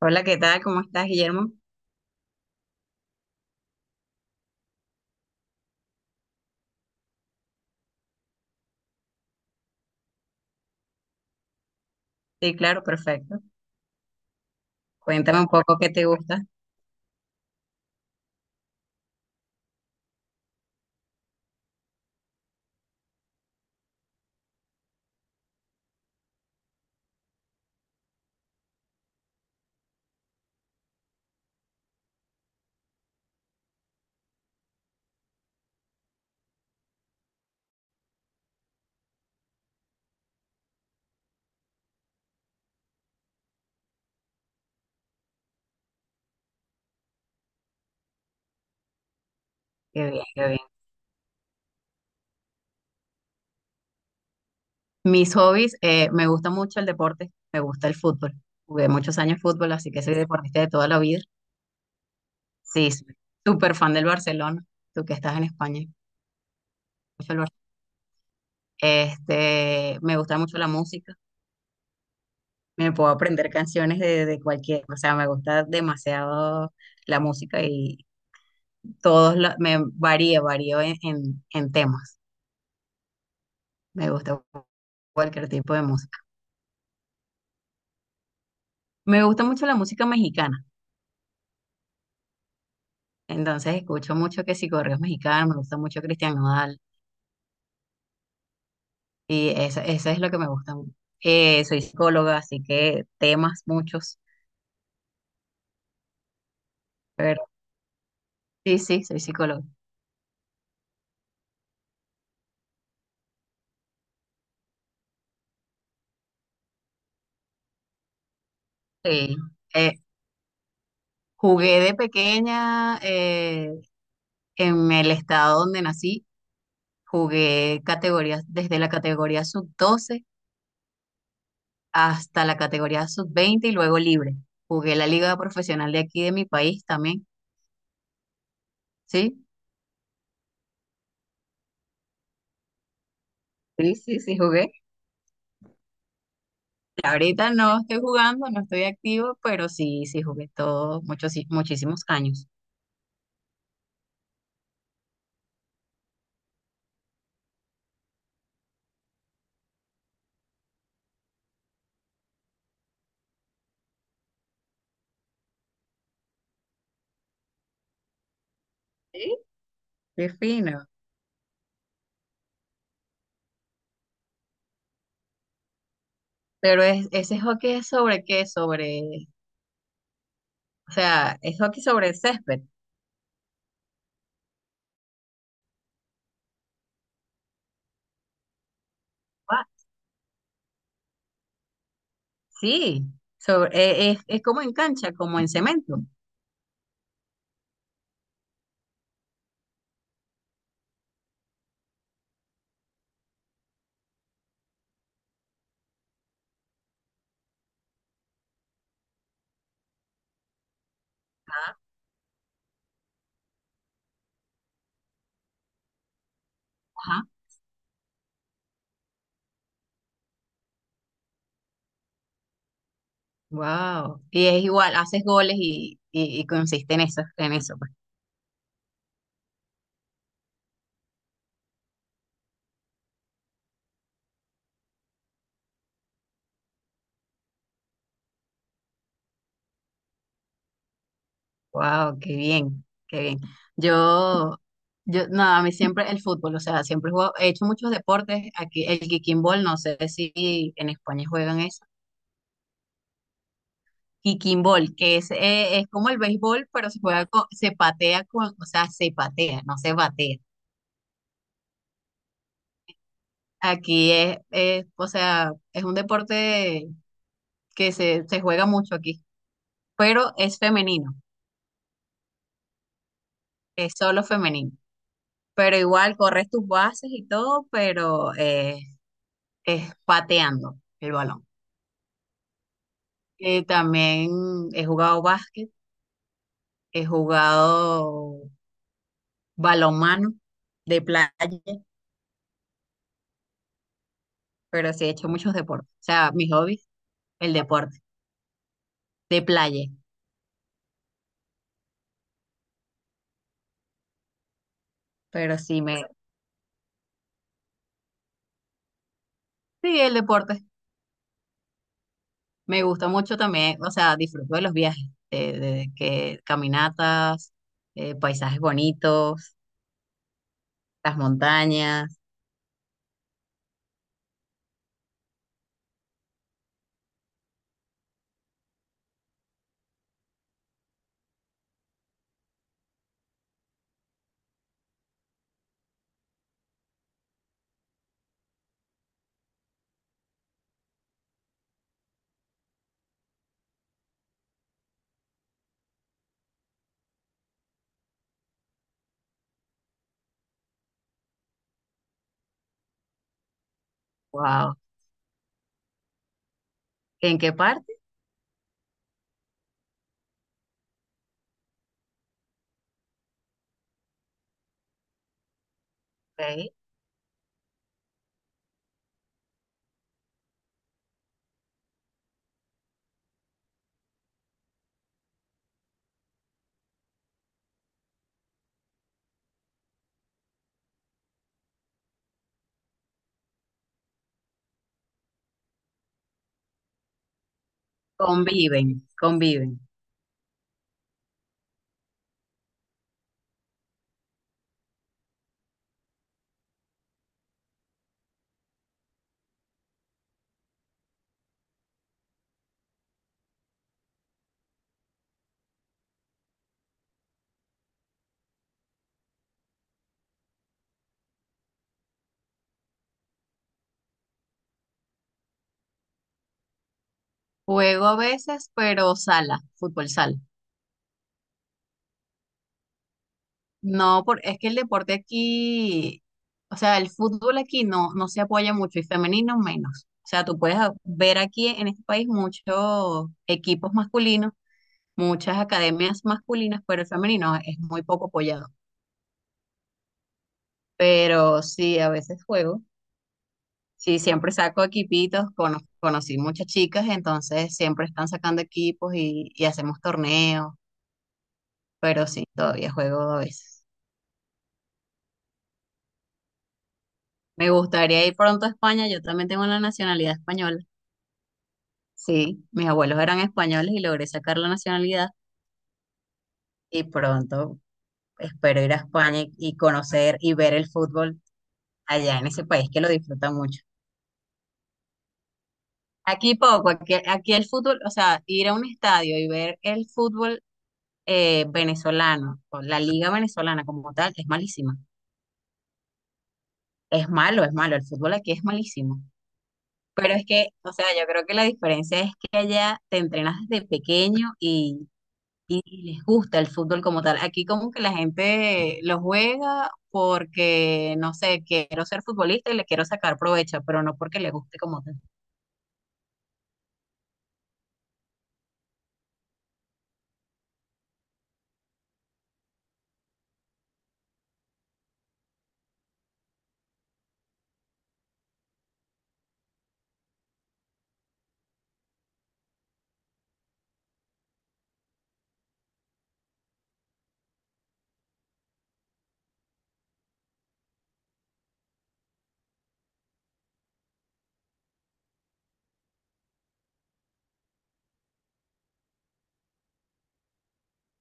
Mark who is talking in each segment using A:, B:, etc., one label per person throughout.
A: Hola, ¿qué tal? ¿Cómo estás, Guillermo? Sí, claro, perfecto. Cuéntame un poco qué te gusta. Qué bien, qué bien. Mis hobbies, me gusta mucho el deporte, me gusta el fútbol. Jugué muchos años fútbol, así que soy deportista de toda la vida. Sí, sí, súper fan del Barcelona, tú que estás en España. Mucho el Este, me gusta mucho la música, me puedo aprender canciones de cualquier, o sea, me gusta demasiado la música y todos, me varía, varío en en temas. Me gusta cualquier tipo de música. Me gusta mucho la música mexicana, entonces escucho mucho que si correos mexicanos, me gusta mucho Cristian Nodal y eso es lo que me gusta. Soy psicóloga, así que temas muchos, pero sí, sí, soy psicóloga. Sí. Eh, jugué de pequeña en el estado donde nací, jugué categorías desde la categoría sub doce hasta la categoría sub veinte y luego libre. Jugué la liga profesional de aquí de mi país también, ¿sí? Sí, sí, sí, jugué. Ahorita no estoy jugando, no estoy activo, pero sí, sí jugué todos muchos, muchísimos años. ¿Sí? Qué fino. Pero es, ese hockey es sobre qué, sobre, o sea, ¿es hockey sobre césped? Ah, sí, sobre, es como en cancha, como en cemento. Ajá. Wow. Y es igual, haces goles y consiste en eso, en eso. Wow, qué bien, qué bien. Yo, yo, no, a mí siempre el fútbol, o sea, siempre he hecho muchos deportes. Aquí el kicking ball, no sé si en España juegan eso. Kicking ball, que es como el béisbol, pero se juega con, se patea con, o sea, se patea, no se batea. Aquí es, o sea, es un deporte se juega mucho aquí, pero es femenino, es solo femenino. Pero igual corres tus bases y todo, pero es pateando el balón. También he jugado básquet, he jugado balonmano de playa, pero sí he hecho muchos deportes. O sea, mis hobbies, el deporte, de playa, pero sí me, sí, el deporte. Me gusta mucho también, o sea, disfruto de los viajes, de que caminatas, paisajes bonitos, las montañas, wow. ¿En qué parte? Ok. Conviven, conviven. Juego a veces, pero sala, fútbol sala. No, por, es que el deporte aquí, o sea, el fútbol aquí no, no se apoya mucho y femenino menos. O sea, tú puedes ver aquí en este país muchos equipos masculinos, muchas academias masculinas, pero el femenino es muy poco apoyado. Pero sí, a veces juego. Sí, siempre saco equipitos, conocí muchas chicas, entonces siempre están sacando equipos y hacemos torneos, pero sí, todavía juego a veces. Me gustaría ir pronto a España, yo también tengo la nacionalidad española. Sí, mis abuelos eran españoles y logré sacar la nacionalidad y pronto espero ir a España y conocer y ver el fútbol allá en ese país que lo disfruta mucho. Aquí poco, aquí, aquí el fútbol, o sea, ir a un estadio y ver el fútbol venezolano, o la liga venezolana como tal, es malísima. Es malo, el fútbol aquí es malísimo. Pero es que, o sea, yo creo que la diferencia es que allá te entrenas desde pequeño y les gusta el fútbol como tal. Aquí como que la gente lo juega porque, no sé, quiero ser futbolista y le quiero sacar provecho, pero no porque le guste como tal.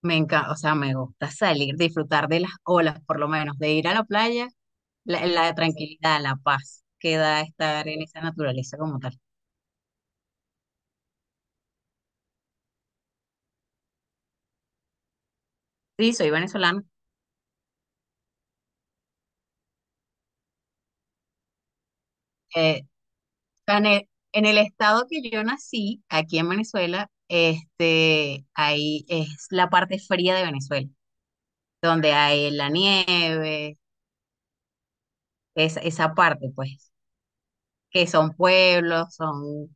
A: Me encanta, o sea, me gusta salir, disfrutar de las olas, por lo menos, de ir a la playa, la tranquilidad, la paz que da estar en esa naturaleza como tal. Sí, soy venezolana. Eh, en el, en el estado que yo nací, aquí en Venezuela, este, ahí es la parte fría de Venezuela donde hay la nieve, es, esa parte, pues, que son pueblos, son,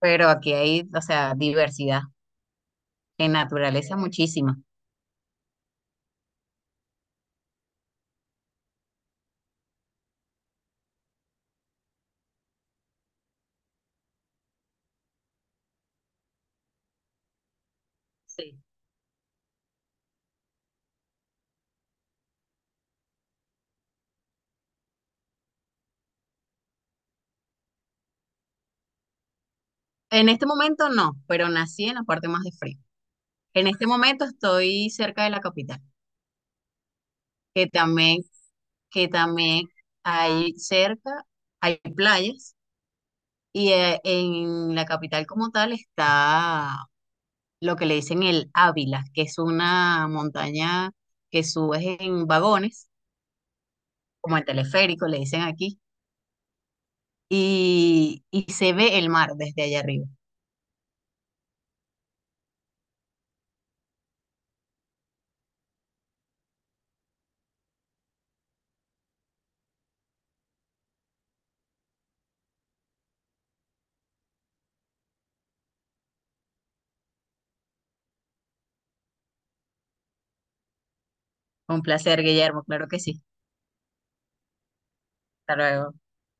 A: pero aquí hay, o sea, diversidad en naturaleza muchísima. Sí. En este momento no, pero nací en la parte más de frío. En este momento estoy cerca de la capital, que también, que también hay cerca, hay playas, y en la capital como tal está lo que le dicen el Ávila, que es una montaña que subes en vagones, como el teleférico, le dicen aquí, y se ve el mar desde allá arriba. Un placer, Guillermo, claro que sí. Hasta luego.